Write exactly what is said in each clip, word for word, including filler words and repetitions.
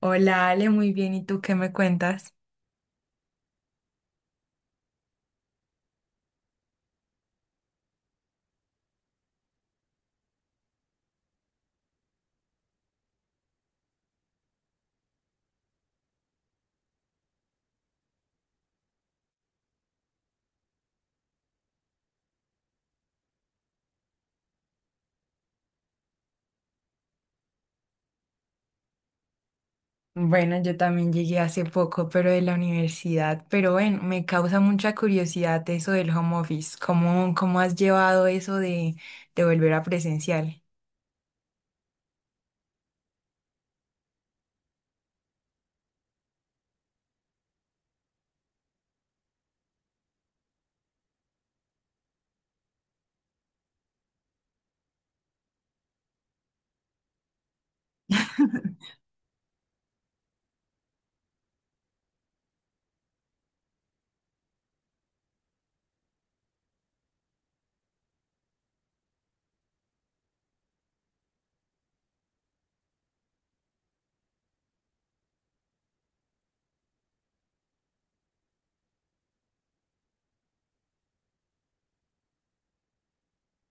Hola Ale, muy bien. ¿Y tú qué me cuentas? Bueno, yo también llegué hace poco, pero de la universidad. Pero bueno, me causa mucha curiosidad eso del home office. ¿Cómo, cómo has llevado eso de, de volver a presencial?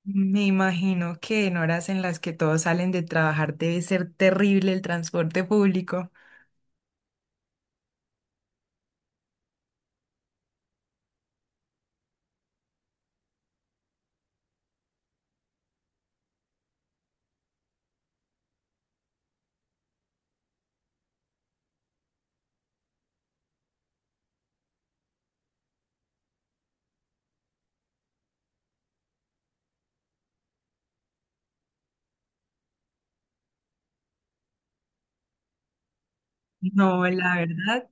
Me imagino que en horas en las que todos salen de trabajar debe ser terrible el transporte público. No, la verdad,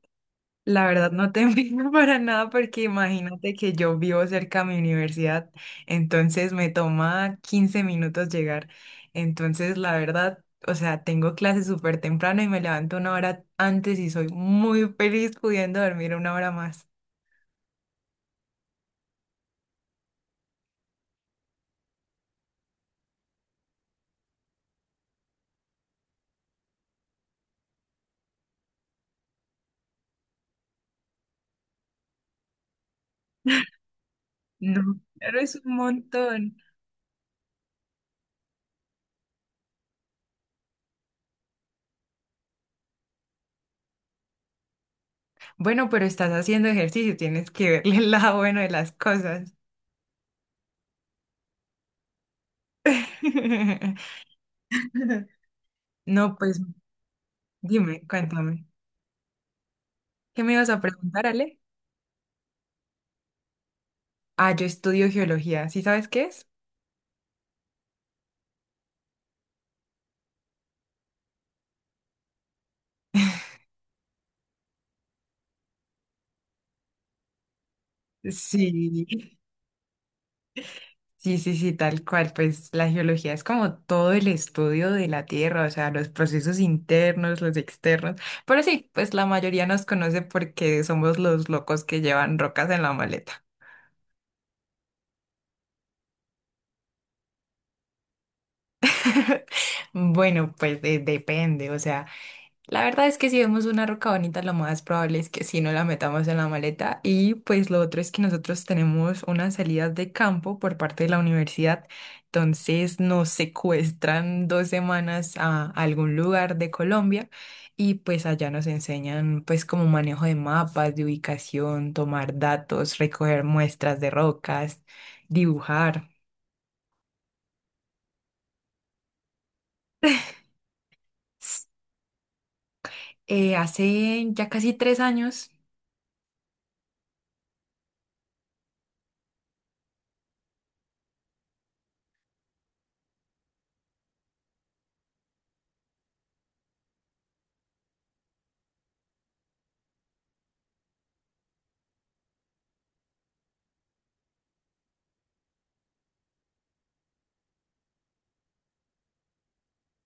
la verdad no te envidio para nada porque imagínate que yo vivo cerca de mi universidad, entonces me toma quince minutos llegar. Entonces, la verdad, o sea, tengo clases súper temprano y me levanto una hora antes y soy muy feliz pudiendo dormir una hora más. No, pero es un montón. Bueno, pero estás haciendo ejercicio, tienes que verle el lado bueno de las cosas. No, pues dime, cuéntame. ¿Qué me ibas a preguntar, Ale? Ah, yo estudio geología, ¿sí sabes qué es? Sí, sí, sí, sí, tal cual. Pues la geología es como todo el estudio de la Tierra, o sea, los procesos internos, los externos. Pero sí, pues la mayoría nos conoce porque somos los locos que llevan rocas en la maleta. Bueno, pues de- depende, o sea. La verdad es que si vemos una roca bonita, lo más probable es que sí no la metamos en la maleta. Y pues lo otro es que nosotros tenemos unas salidas de campo por parte de la universidad. Entonces nos secuestran dos semanas a algún lugar de Colombia y pues allá nos enseñan pues como manejo de mapas, de ubicación, tomar datos, recoger muestras de rocas, dibujar. Eh, hace ya casi tres años.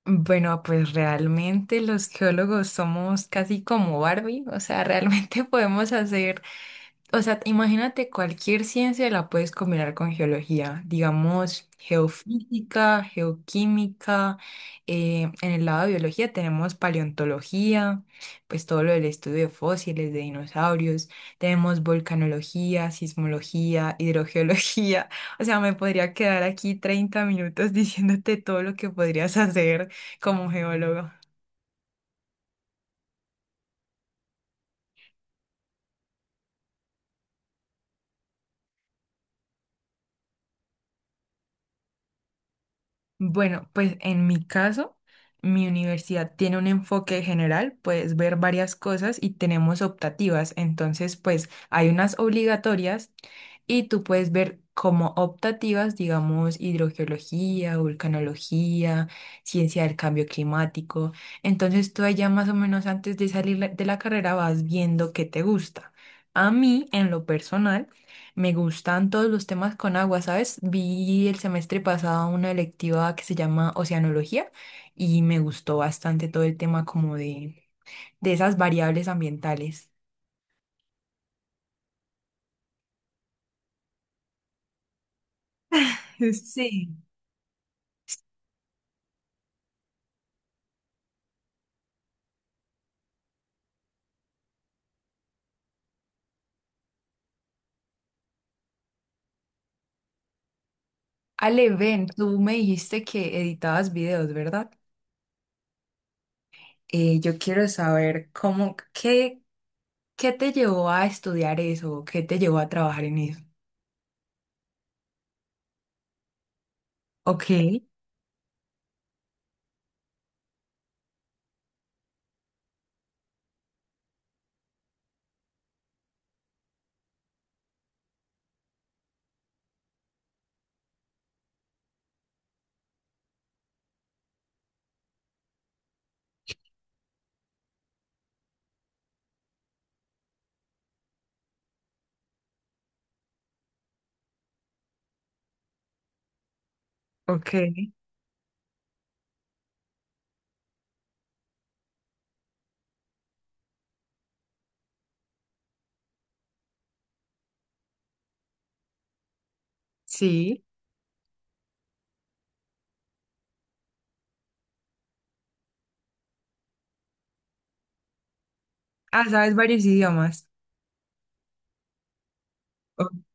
Bueno, pues realmente los geólogos somos casi como Barbie, o sea, realmente podemos hacer, o sea, imagínate cualquier ciencia la puedes combinar con geología, digamos, geofísica, geoquímica, eh, en el lado de biología tenemos paleontología, pues todo lo del estudio de fósiles, de dinosaurios, tenemos volcanología, sismología, hidrogeología, o sea, me podría quedar aquí treinta minutos diciéndote todo lo que podrías hacer como geólogo. Bueno, pues en mi caso, mi universidad tiene un enfoque general, puedes ver varias cosas y tenemos optativas. Entonces, pues hay unas obligatorias y tú puedes ver como optativas, digamos, hidrogeología, vulcanología, ciencia del cambio climático. Entonces, tú allá más o menos antes de salir la- de la carrera vas viendo qué te gusta. A mí, en lo personal, me gustan todos los temas con agua, ¿sabes? Vi el semestre pasado una electiva que se llama Oceanología y me gustó bastante todo el tema como de, de esas variables ambientales. Sí. Ale, ven, tú me dijiste que editabas videos, ¿verdad? Eh, yo quiero saber cómo, qué, qué te llevó a estudiar eso, qué te llevó a trabajar en eso. Ok, ok, sí. Ah, sabes varios idiomas. O-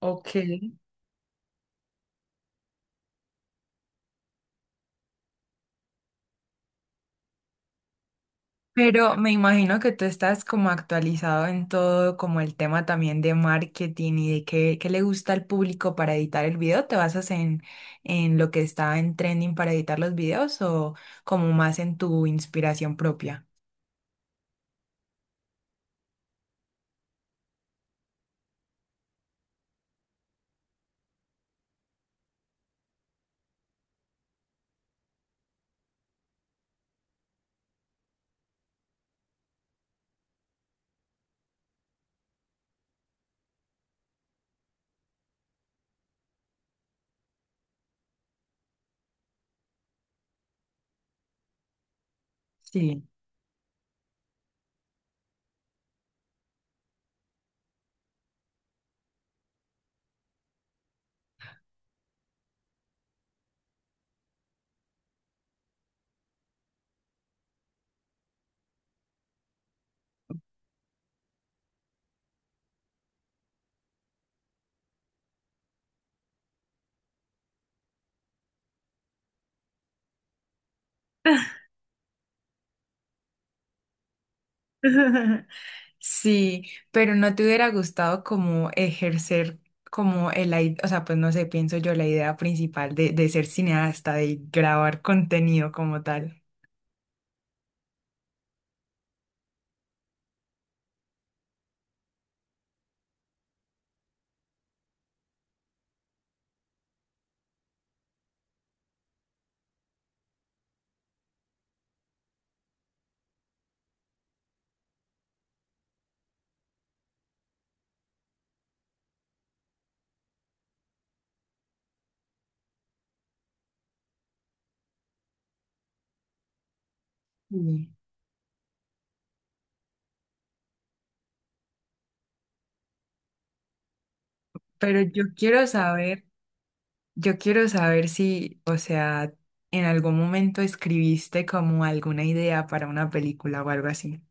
ok. Pero me imagino que tú estás como actualizado en todo, como el tema también de marketing y de qué, qué le gusta al público para editar el video. ¿Te basas en, en lo que está en trending para editar los videos o como más en tu inspiración propia? Sí. Sí, pero no te hubiera gustado como ejercer como el, ai- o sea, pues no sé, pienso yo la idea principal de, de ser cineasta, de grabar contenido como tal. Sí. Pero yo quiero saber, yo quiero saber si, o sea, en algún momento escribiste como alguna idea para una película o algo así.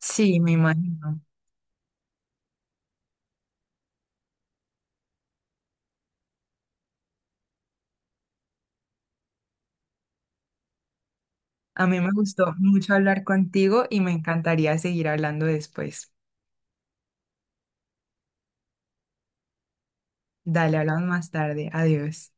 Sí, me imagino. A mí me gustó mucho hablar contigo y me encantaría seguir hablando después. Dale, hablamos más tarde. Adiós.